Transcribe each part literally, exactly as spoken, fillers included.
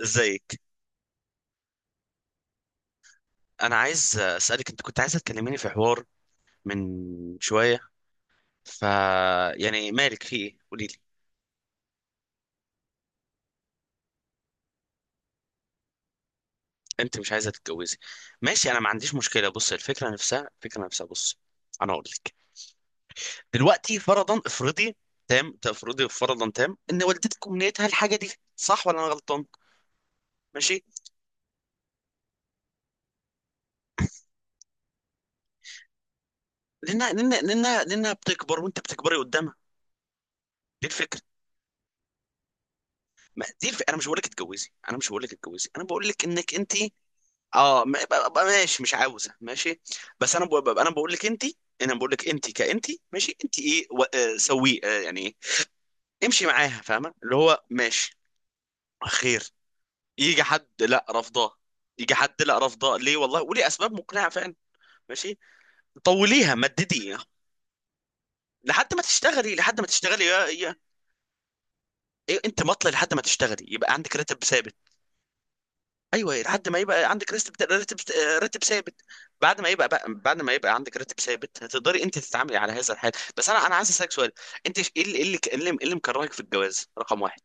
ازيك؟ انا عايز اسالك، انت كنت عايزه تكلميني في حوار من شويه، ف يعني مالك؟ في ايه؟ قولي لي. انت مش عايزه تتجوزي؟ ماشي، انا ما عنديش مشكله. بص، الفكره نفسها، الفكره نفسها بص، انا اقول لك. دلوقتي فرضا، افرضي تام، تفرضي فرضا تام ان والدتك امنيتها الحاجه دي. صح ولا انا غلطان؟ ماشي، لانها لانها لانها لانها بتكبر وانت بتكبري قدامها. دي الفكره. ما دي الف... انا مش بقول لك اتجوزي، انا مش بقول لك اتجوزي انا بقول لك انك انت. اه، م- ب- ب- ماشي، مش عاوزه، ماشي. بس انا ب- ب- انا بقول لك انت. انا بقول لك انت كانت ماشي. انت ايه؟ و- آه، سويه آه، يعني إيه؟ امشي معاها، فاهمه؟ اللي هو ماشي، خير. يجي حد لا رفضاه، يجي حد لا رفضاه ليه والله، وليه اسباب مقنعه فعلا. ماشي، طوليها، مددي لحد ما تشتغلي، لحد ما تشتغلي يا يا إيه انت؟ مطلع لحد ما تشتغلي، يبقى عندك راتب ثابت. ايوه، لحد ما يبقى عندك راتب راتب راتب ثابت. بعد ما يبقى بقى بعد ما يبقى عندك راتب ثابت، هتقدري انت تتعاملي على هذا الحال. بس انا انا عايز اسالك سؤال. انت ش- ايه اللي ايه اللي إيه اللي إيه اللي مكرهك في الجواز رقم واحد؟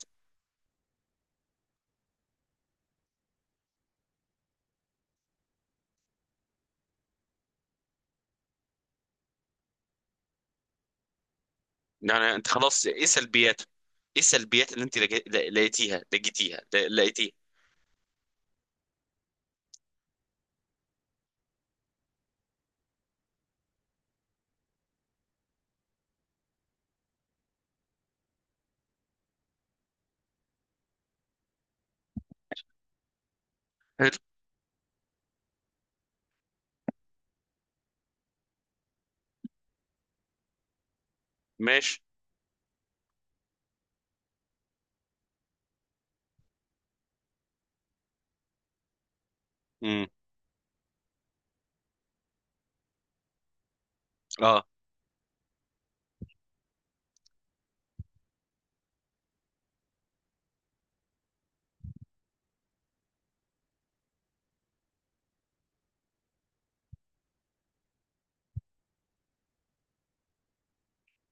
يعني انت خلاص ايه سلبياته؟ ايه السلبيات اللي انت لقي- لا- لقيتيها لقيتيها لا- لقيتيها؟ حلو، ماشي. امم، اه،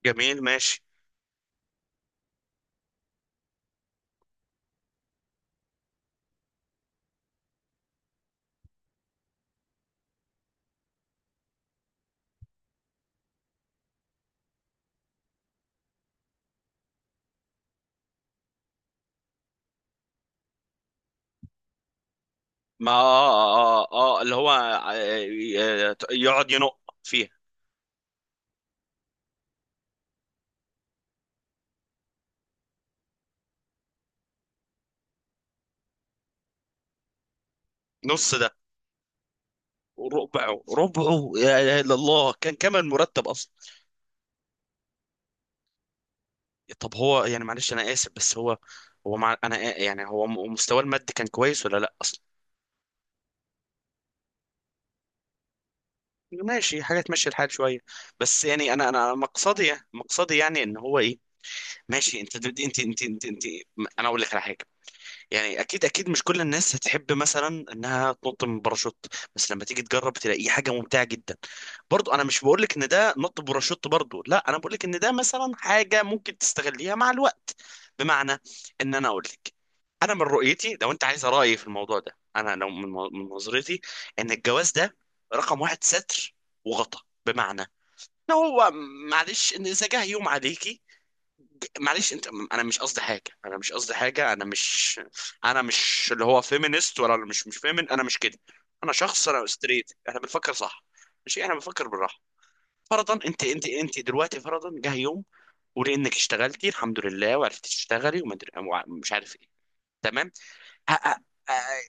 جميل ماشي. ما اه، اه, آه, آه آه، اللي هو آه، آه، يقعد ينق فيها. نص ده؟ ربعه ربعه، يا إله إلا الله، كان كمان مرتب. طب هو يعني معلش، انا اسف، بس هو، هو مع انا آ- يعني هو م- مستواه المادي كان كويس ولا لا اصلا؟ ماشي، حاجه تمشي الحال شويه. بس يعني انا انا مقصدي مقصدي يعني ان هو ايه. ماشي، انت انت انت انت, انت, انت، انا اقول لك على حاجه. يعني اكيد اكيد مش كل الناس هتحب مثلا انها تنط من باراشوت، بس لما تيجي تجرب، تلاقيه حاجه ممتعه جدا. برضو انا مش بقول لك ان ده نط باراشوت، برضو لا، انا بقول لك ان ده مثلا حاجه ممكن تستغليها مع الوقت. بمعنى، ان انا اقول لك انا من رؤيتي، لو انت عايز رايي في الموضوع ده، انا لو من من نظرتي، ان الجواز ده رقم واحد ستر وغطا. بمعنى ان هو، معلش، ان اذا جه يوم عليكي، معلش، انت، انا مش قصدي حاجه انا مش قصدي حاجه انا مش، انا مش اللي هو فيمينست ولا مش مش فيمين، انا مش كده. انا شخص، انا ستريت، احنا بنفكر صح. ماشي، احنا بنفكر بالراحه. فرضا، انت انت انت دلوقتي، فرضا جه يوم، ولانك اشتغلتي الحمد لله وعرفتي تشتغلي، وما أدري- وع- مش عارف ايه. تمام. ه- ه- ه-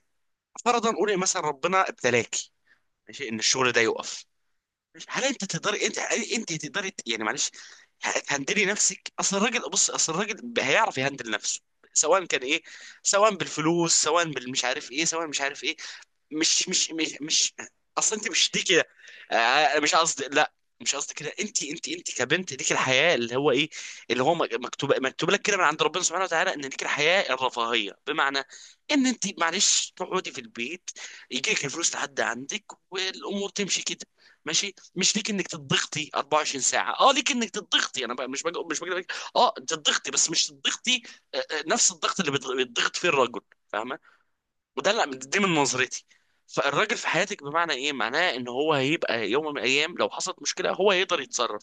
فرضا قولي مثلا ربنا ابتلاكي، ماشي، ان الشغل ده يقف. هل انت تقدري؟ انت هل انت تقدري ت- يعني معلش، ه- تهندلي نفسك؟ اصل الراجل، بص، اصل الراجل ب- هيعرف يهندل نفسه. سواء كان ايه، سواء بالفلوس، سواء بالمش عارف ايه، سواء مش عارف ايه. مش مش مش مش اصل انت مش دي كده. آه، مش قصدي لا، مش قصدي كده. انت، انت انت كبنت ليك الحياه، اللي هو ايه، اللي هو مكتوب، مكتوب لك كده من عند ربنا سبحانه وتعالى، ان ليك الحياه الرفاهيه. بمعنى ان انت معلش تقعدي في البيت، يجي لك الفلوس لحد عندك، والامور تمشي كده. ماشي، مش ليك انك تضغطي اربعه وعشرين ساعه. اه، ليك انك تضغطي، انا بقى مش بقى مش بقى اه تضغطي، بس مش تضغطي آه، آه، نفس الضغط اللي بيضغط فيه الرجل. فاهمه؟ وده لا، دي من نظرتي. فالراجل في حياتك بمعنى ايه؟ معناه ان هو هيبقى يوم من الايام، لو حصلت مشكله، هو هيقدر يتصرف.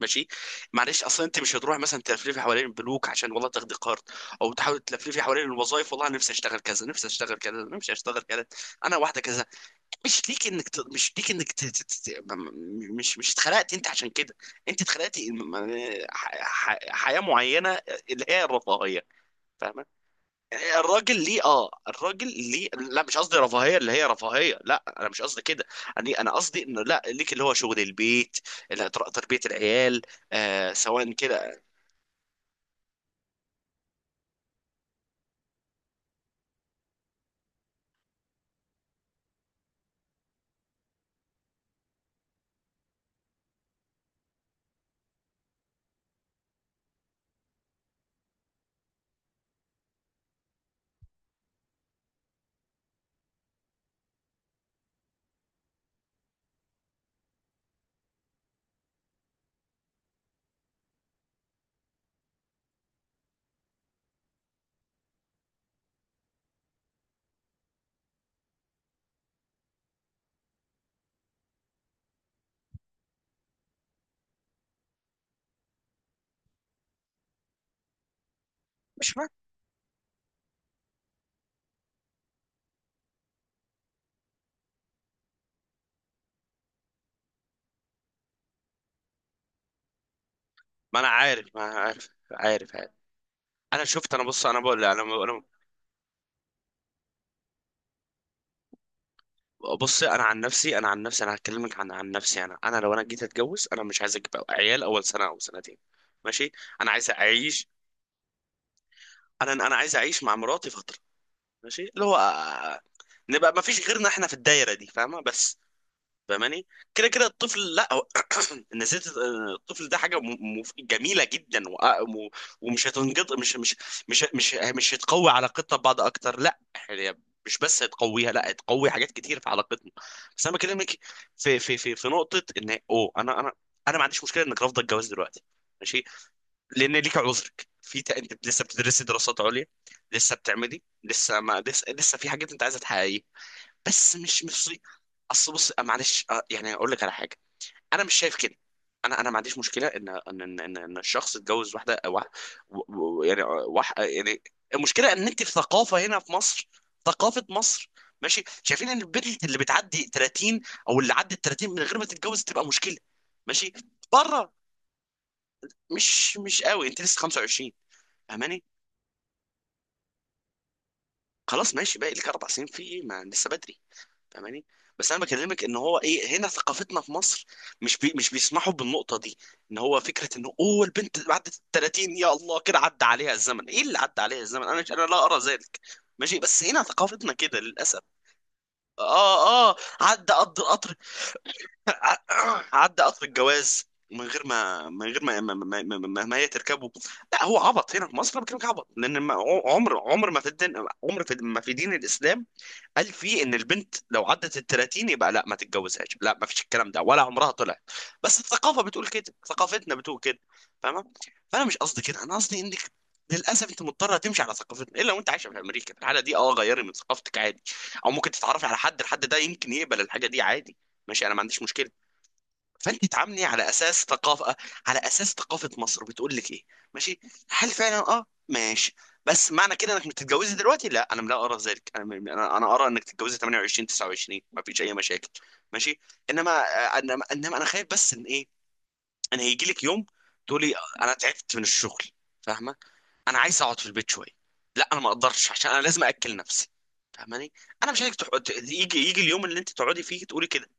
ماشي، معلش، اصلا انت مش هتروح مثلا تلفلفي حوالين البنوك عشان والله تاخدي قرض، او تحاول تلفلفي حوالين الوظائف، والله أنا نفسي اشتغل كذا، نفسي اشتغل كذا، نفسي اشتغل كذا، انا واحده كذا. مش ليك انك ت... مش ليك انك ت... ت... ت... م- مش مش اتخلقت انت عشان كده. انت اتخلقتي م- ح... ح... حياه معينه، اللي هي الرفاهيه. فاهمه؟ الراجل ليه، اه الراجل ليه، لا مش قصدي رفاهيه اللي هي رفاهيه، لا انا مش قصدي كده. انا انا قصدي انه لا، ليك اللي هو شغل البيت، ال- تربيه العيال، آه، سواء كده. مش ما, ما انا عارف، ما أنا عارف عارف عارف. انا شفت، انا بص، انا بقول، انا انا بص، انا عن نفسي، انا عن نفسي انا هكلمك عن عن نفسي. انا، انا لو انا جيت اتجوز، انا مش عايز اجيب عيال اول سنه او سنتين. ماشي، انا عايز اعيش. انا انا عايز اعيش مع مراتي، ماشي، اللي هو آه، نبقى ما فيش غيرنا احنا في الدايره دي. فاهمه؟ بس، فاهماني؟ كده كده الطفل، لا هو نسيت. الطفل ده حاجه م- مف- جميله جدا، وأ- و- ومش هتنقط، مش مش مش مش مش هتقوي علاقتنا ببعض اكتر. لا، هي مش بس هتقويها، لا هتقوي حاجات كتير في علاقتنا. بس انا بكلمك في في في في نقطه، ان اوه، انا انا انا ما عنديش مشكله انك رافضه الجواز دلوقتي. ماشي، لان ليك عذرك في ت... انت لسه بتدرسي دراسات عليا، لسه بتعملي، لسه ما لسه, لسه في حاجات انت عايزه تحققيها. بس مش مش اصل بص، آه، معلش، آه، يعني اقول لك على حاجه. انا مش شايف كده. انا انا ما عنديش مشكله ان ان ان, إن إن الشخص يتجوز واحده أو واحد و- و- يعني أه، واحد أه، يعني. المشكله ان انت في ثقافه هنا في مصر، ثقافه مصر، ماشي، شايفين ان البنت اللي بتعدي التلاتين، او اللي عدت التلاتين من غير ما تتجوز، تبقى مشكله. ماشي، بره، مش مش قوي، انت لسه خمسه وعشرين. خلاص، ماشي، باقي لك اربع سنين، في ايه؟ ما لسه بدري. فاهماني؟ بس انا بكلمك ان هو ايه، هنا ثقافتنا في مصر مش بي مش بيسمحوا بالنقطه دي. ان هو فكره انه اوه، البنت بعد ال ثلاثين يا الله، كده عدى عليها الزمن. ايه اللي عدى عليها الزمن؟ انا مش، انا لا ارى ذلك. ماشي، بس هنا ثقافتنا كده للاسف. اه، اه، عدى قطر، قطر عدى قطر الجواز من غير ما، من غير ما ما, ما, ما, ما ما هي تركبه. لا، هو عبط هنا في مصر، انا بكلمك عبط، لان ما- عمر، عمر ما في الدين، عمر في ما في دين الاسلام قال فيه ان البنت لو عدت ال تلاتين يبقى لا ما تتجوزهاش، لا ما فيش الكلام ده، ولا عمرها طلعت. بس الثقافه بتقول كده، ثقافتنا بتقول كده. فاهمه؟ فانا مش قصدي كده، انا قصدي انك للاسف انت مضطره تمشي على ثقافتنا، الا وانت عايشه في امريكا، في الحاله دي اه غيري من ثقافتك عادي، او ممكن تتعرفي على حد، الحد ده يمكن يقبل الحاجه دي عادي. ماشي، انا ما عنديش مشكله. فانت تعاملني على اساس ثقافه، على اساس ثقافه مصر بتقول لك ايه. ماشي، هل فعلا اه ماشي؟ بس معنى كده انك بتتجوزي دلوقتي، لا انا لا ارى ذلك. انا انا أنا ارى انك تتجوزي تمانيه وعشرين تسعه وعشرين، ما فيش اي مشاكل. ماشي، انما آه، انما انما انا خايف بس ان ايه، انا هيجي لك يوم تقولي انا تعبت من الشغل، فاهمه، انا عايز اقعد في البيت شويه. لا انا ما اقدرش عشان انا لازم اكل نفسي. فاهماني؟ انا مش عايزك تح... ت- يجي يجي اليوم اللي انت تقعدي فيه تقولي كده.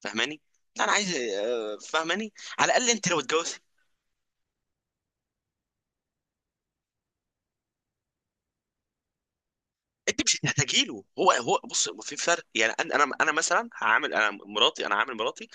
فاهماني؟ لا انا عايز، آه، فاهماني؟ على الاقل انت لو اتجوزت، انت مش هتحتاجي له. هو، هو بص، في فرق. يعني انا انا أنا مثلا هعامل، انا مراتي انا عامل مراتي،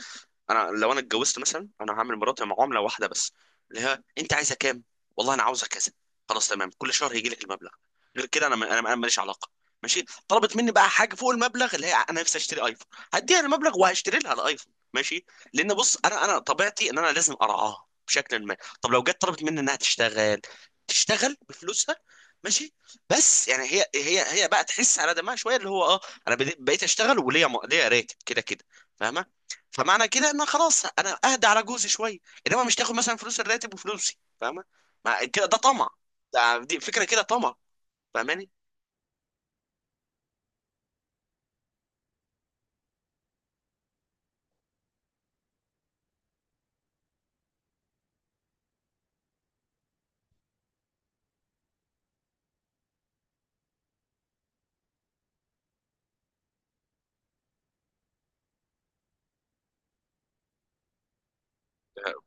انا لو انا اتجوزت مثلا انا هعمل مراتي معامله واحده بس، اللي هي انت عايزه كام؟ والله انا عاوزه كذا. خلاص تمام، كل شهر هيجي لك المبلغ. غير كده انا انا أنا ماليش علاقه. ماشي، طلبت مني بقى حاجه فوق المبلغ، اللي هي انا نفسي اشتري ايفون، هديها المبلغ وهشتري لها الايفون. ماشي، لان بص، انا، انا طبيعتي ان انا لازم ارعاها بشكل ما. طب لو جت طلبت مني انها تشتغل، تشتغل بفلوسها، ماشي، بس يعني هي هي هي بقى تحس على دمها شويه، اللي هو اه انا بدي- بقيت اشتغل وليا م- ليا راتب كده كده. فاهمه؟ فمعنى كده ان خلاص انا اهدى على جوزي شويه، انما مش تاخد مثلا فلوس الراتب وفلوسي. فاهمه؟ مع كده ده طمع. ده، دي فكره كده طمع. فاهماني؟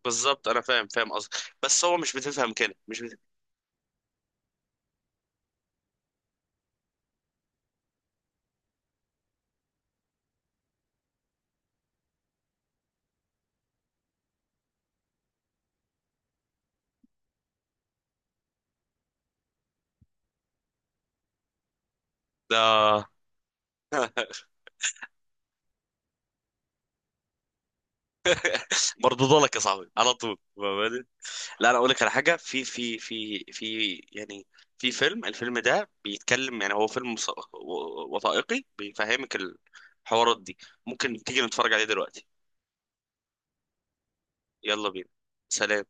بالظبط، انا فاهم، فاهم قصدك. بس هو مش بتفهم كده، مش بتفهم. ده مردود لك يا صاحبي على طول. فاهماني؟ لا انا اقول لك على حاجه، في في في في يعني في فيلم، الفيلم ده بيتكلم يعني، هو فيلم وث- وثائقي، بيفهمك الحوارات دي. ممكن تيجي نتفرج عليه دلوقتي. يلا بينا. سلام.